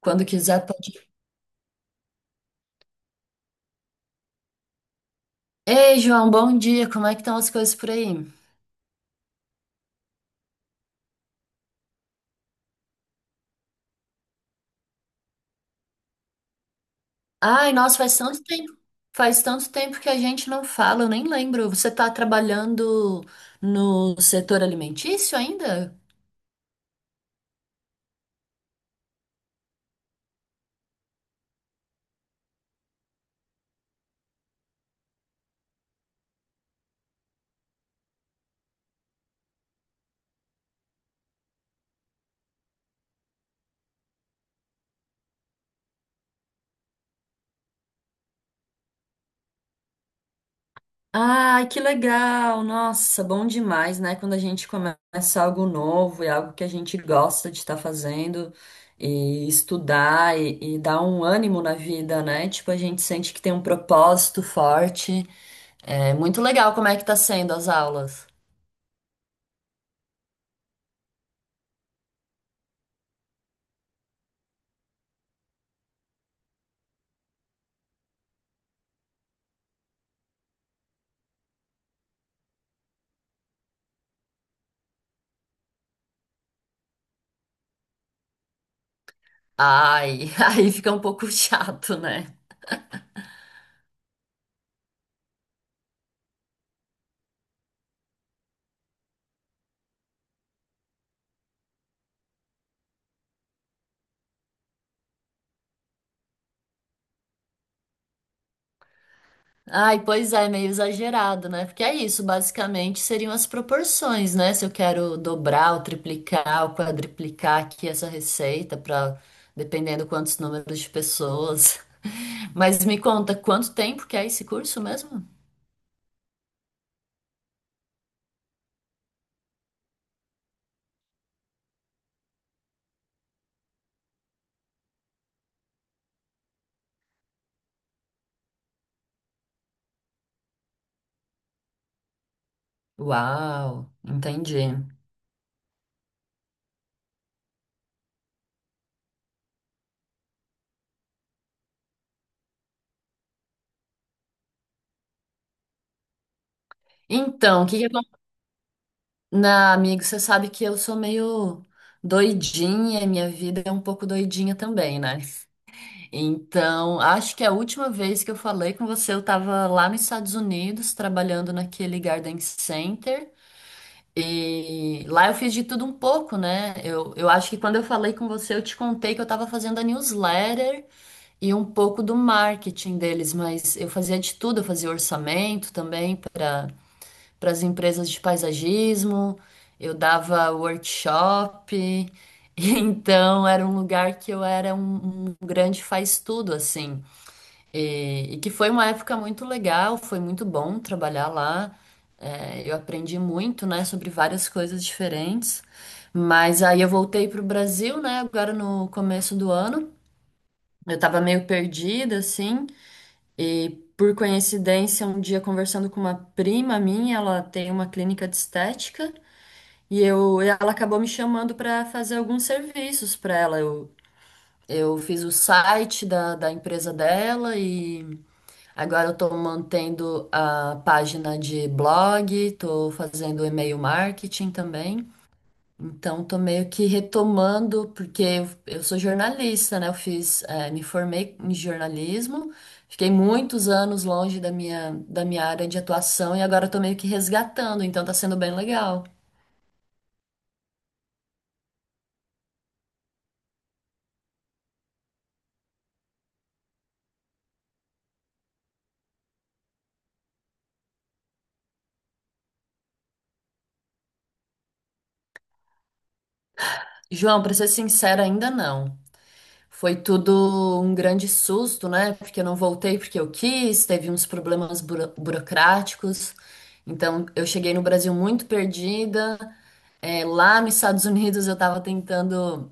Quando quiser, pode. Ei, João, bom dia. Como é que estão as coisas por aí? Ai, nossa, faz tanto tempo. Faz tanto tempo que a gente não fala, eu nem lembro. Você tá trabalhando no setor alimentício ainda? Ai, que legal! Nossa, bom demais, né? Quando a gente começa algo novo e algo que a gente gosta de estar fazendo e estudar e dar um ânimo na vida, né? Tipo, a gente sente que tem um propósito forte. É muito legal como é que tá sendo as aulas. Ai, aí fica um pouco chato, né? Ai, pois é, meio exagerado, né? Porque é isso, basicamente seriam as proporções, né? Se eu quero dobrar ou triplicar ou quadriplicar aqui essa receita para dependendo quantos números de pessoas. Mas me conta, quanto tempo que é esse curso mesmo? Uau, entendi. Então, o que que acontece? Na, amigo, você sabe que eu sou meio doidinha, minha vida é um pouco doidinha também, né? Então, acho que a última vez que eu falei com você, eu estava lá nos Estados Unidos, trabalhando naquele Garden Center. E lá eu fiz de tudo um pouco, né? Eu acho que quando eu falei com você, eu te contei que eu estava fazendo a newsletter e um pouco do marketing deles, mas eu fazia de tudo, eu fazia orçamento também para as empresas de paisagismo, eu dava workshop. Então, era um lugar que eu era um grande faz-tudo, assim. E que foi uma época muito legal, foi muito bom trabalhar lá. É, eu aprendi muito, né, sobre várias coisas diferentes. Mas aí eu voltei pro Brasil, né, agora no começo do ano. Eu estava meio perdida, assim. E por coincidência, um dia conversando com uma prima minha, ela tem uma clínica de estética. E eu, ela acabou me chamando para fazer alguns serviços para ela. Eu fiz o site da empresa dela e agora eu estou mantendo a página de blog, estou fazendo e-mail marketing também. Então, estou meio que retomando, porque eu sou jornalista, né? Eu fiz, me formei em jornalismo, fiquei muitos anos longe da minha área de atuação e agora estou meio que resgatando, então está sendo bem legal. João, para ser sincera, ainda não. Foi tudo um grande susto, né? Porque eu não voltei porque eu quis, teve uns problemas burocráticos. Então, eu cheguei no Brasil muito perdida. É, lá nos Estados Unidos, eu estava tentando,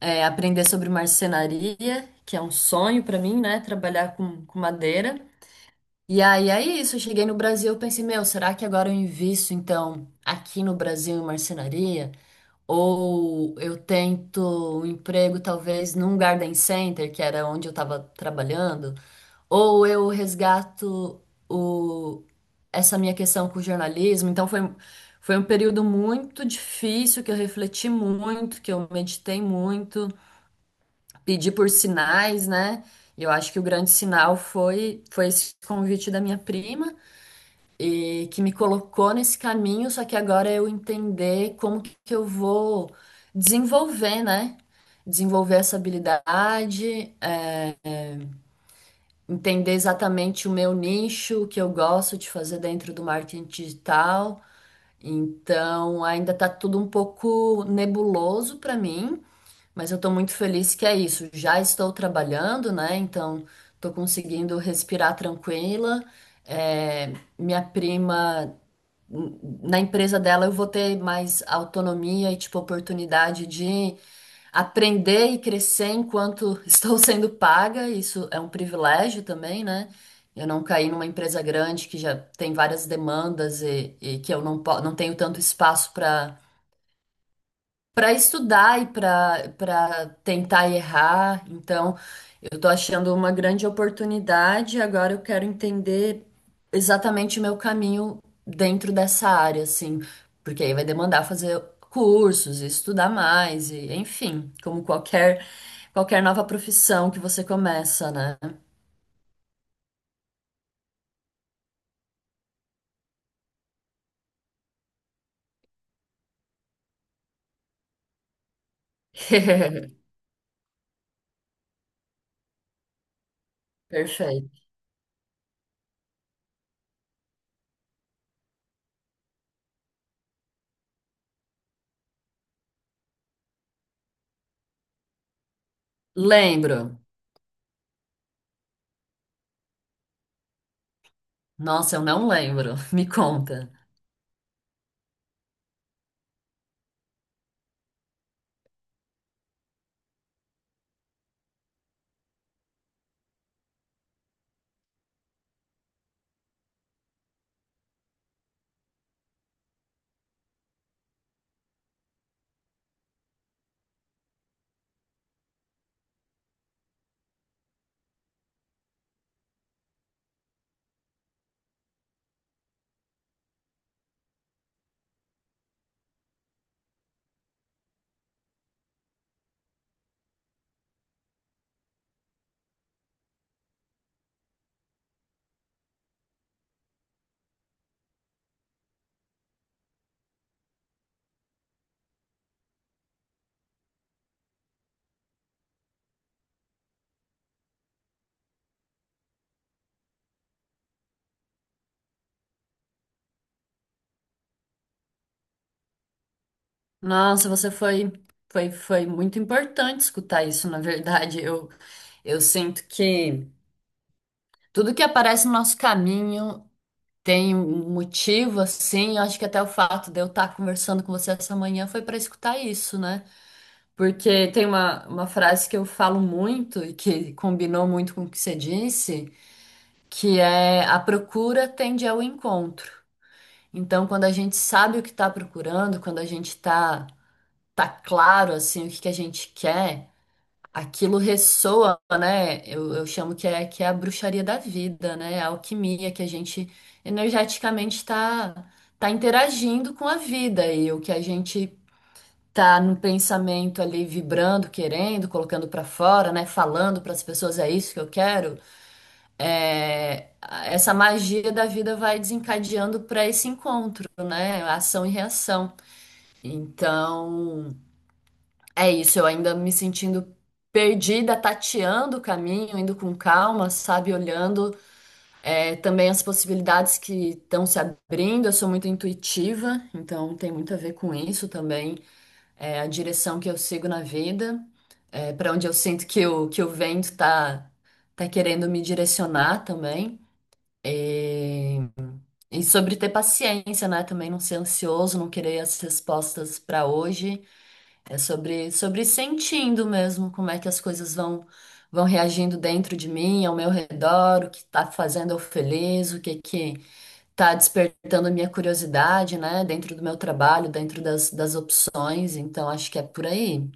é, aprender sobre marcenaria, que é um sonho para mim, né? Trabalhar com madeira. E aí é isso, eu cheguei no Brasil, eu pensei, meu, será que agora eu invisto então aqui no Brasil em marcenaria? Ou eu tento um emprego, talvez, num garden center, que era onde eu estava trabalhando. Ou eu resgato o... essa minha questão com o jornalismo. Então, foi, foi um período muito difícil, que eu refleti muito, que eu meditei muito, pedi por sinais, né? E eu acho que o grande sinal foi, foi esse convite da minha prima e que me colocou nesse caminho, só que agora eu entender como que eu vou desenvolver, né? Desenvolver essa habilidade, entender exatamente o meu nicho, o que eu gosto de fazer dentro do marketing digital. Então, ainda tá tudo um pouco nebuloso para mim, mas eu tô muito feliz que é isso. Já estou trabalhando, né? Então, tô conseguindo respirar tranquila. Eh, Minha prima na empresa dela eu vou ter mais autonomia e tipo oportunidade de aprender e crescer enquanto estou sendo paga. Isso é um privilégio também, né? Eu não caí numa empresa grande que já tem várias demandas e que eu não, não tenho tanto espaço para para estudar e para tentar errar. Então, eu estou achando uma grande oportunidade. Agora eu quero entender exatamente o meu caminho dentro dessa área, assim, porque aí vai demandar fazer cursos, estudar mais e, enfim, como qualquer nova profissão que você começa, né? Perfeito. Lembro. Nossa, eu não lembro. Me conta. Nossa, você foi, foi, foi muito importante escutar isso, na verdade. Eu sinto que tudo que aparece no nosso caminho tem um motivo, assim. Eu acho que até o fato de eu estar conversando com você essa manhã foi para escutar isso, né? Porque tem uma frase que eu falo muito e que combinou muito com o que você disse, que é a procura tende ao encontro. Então, quando a gente sabe o que está procurando, quando a gente tá, tá claro, assim, o que que a gente quer. Aquilo ressoa, né? Eu chamo que é a bruxaria da vida, né? A alquimia que a gente energeticamente está tá tá interagindo com a vida e o que a gente tá no pensamento ali vibrando, querendo, colocando para fora, né? Falando para as pessoas é isso que eu quero. É, essa magia da vida vai desencadeando para esse encontro, né? Ação e reação. Então é isso, eu ainda me sentindo perdida, tateando o caminho, indo com calma, sabe, olhando é, também as possibilidades que estão se abrindo. Eu sou muito intuitiva, então tem muito a ver com isso também, é, a direção que eu sigo na vida, é, para onde eu sinto que o vento tá, tá querendo me direcionar também. E, e sobre ter paciência, né? Também não ser ansioso, não querer as respostas para hoje. É sobre, sobre sentindo mesmo como é que as coisas vão reagindo dentro de mim, ao meu redor, o que tá fazendo eu feliz, o que que tá despertando a minha curiosidade, né, dentro do meu trabalho, dentro das, das opções, então acho que é por aí.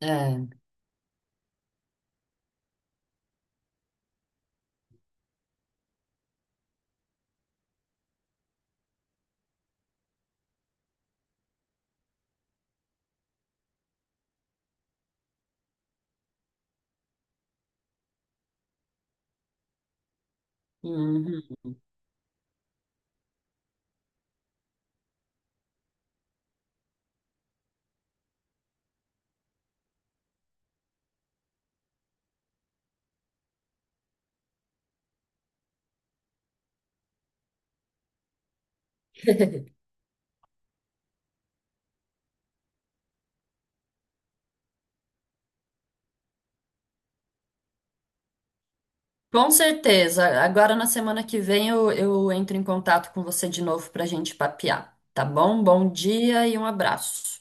É. Uhum. Com certeza. Agora na semana que vem eu entro em contato com você de novo para a gente papear, tá bom? Bom dia e um abraço.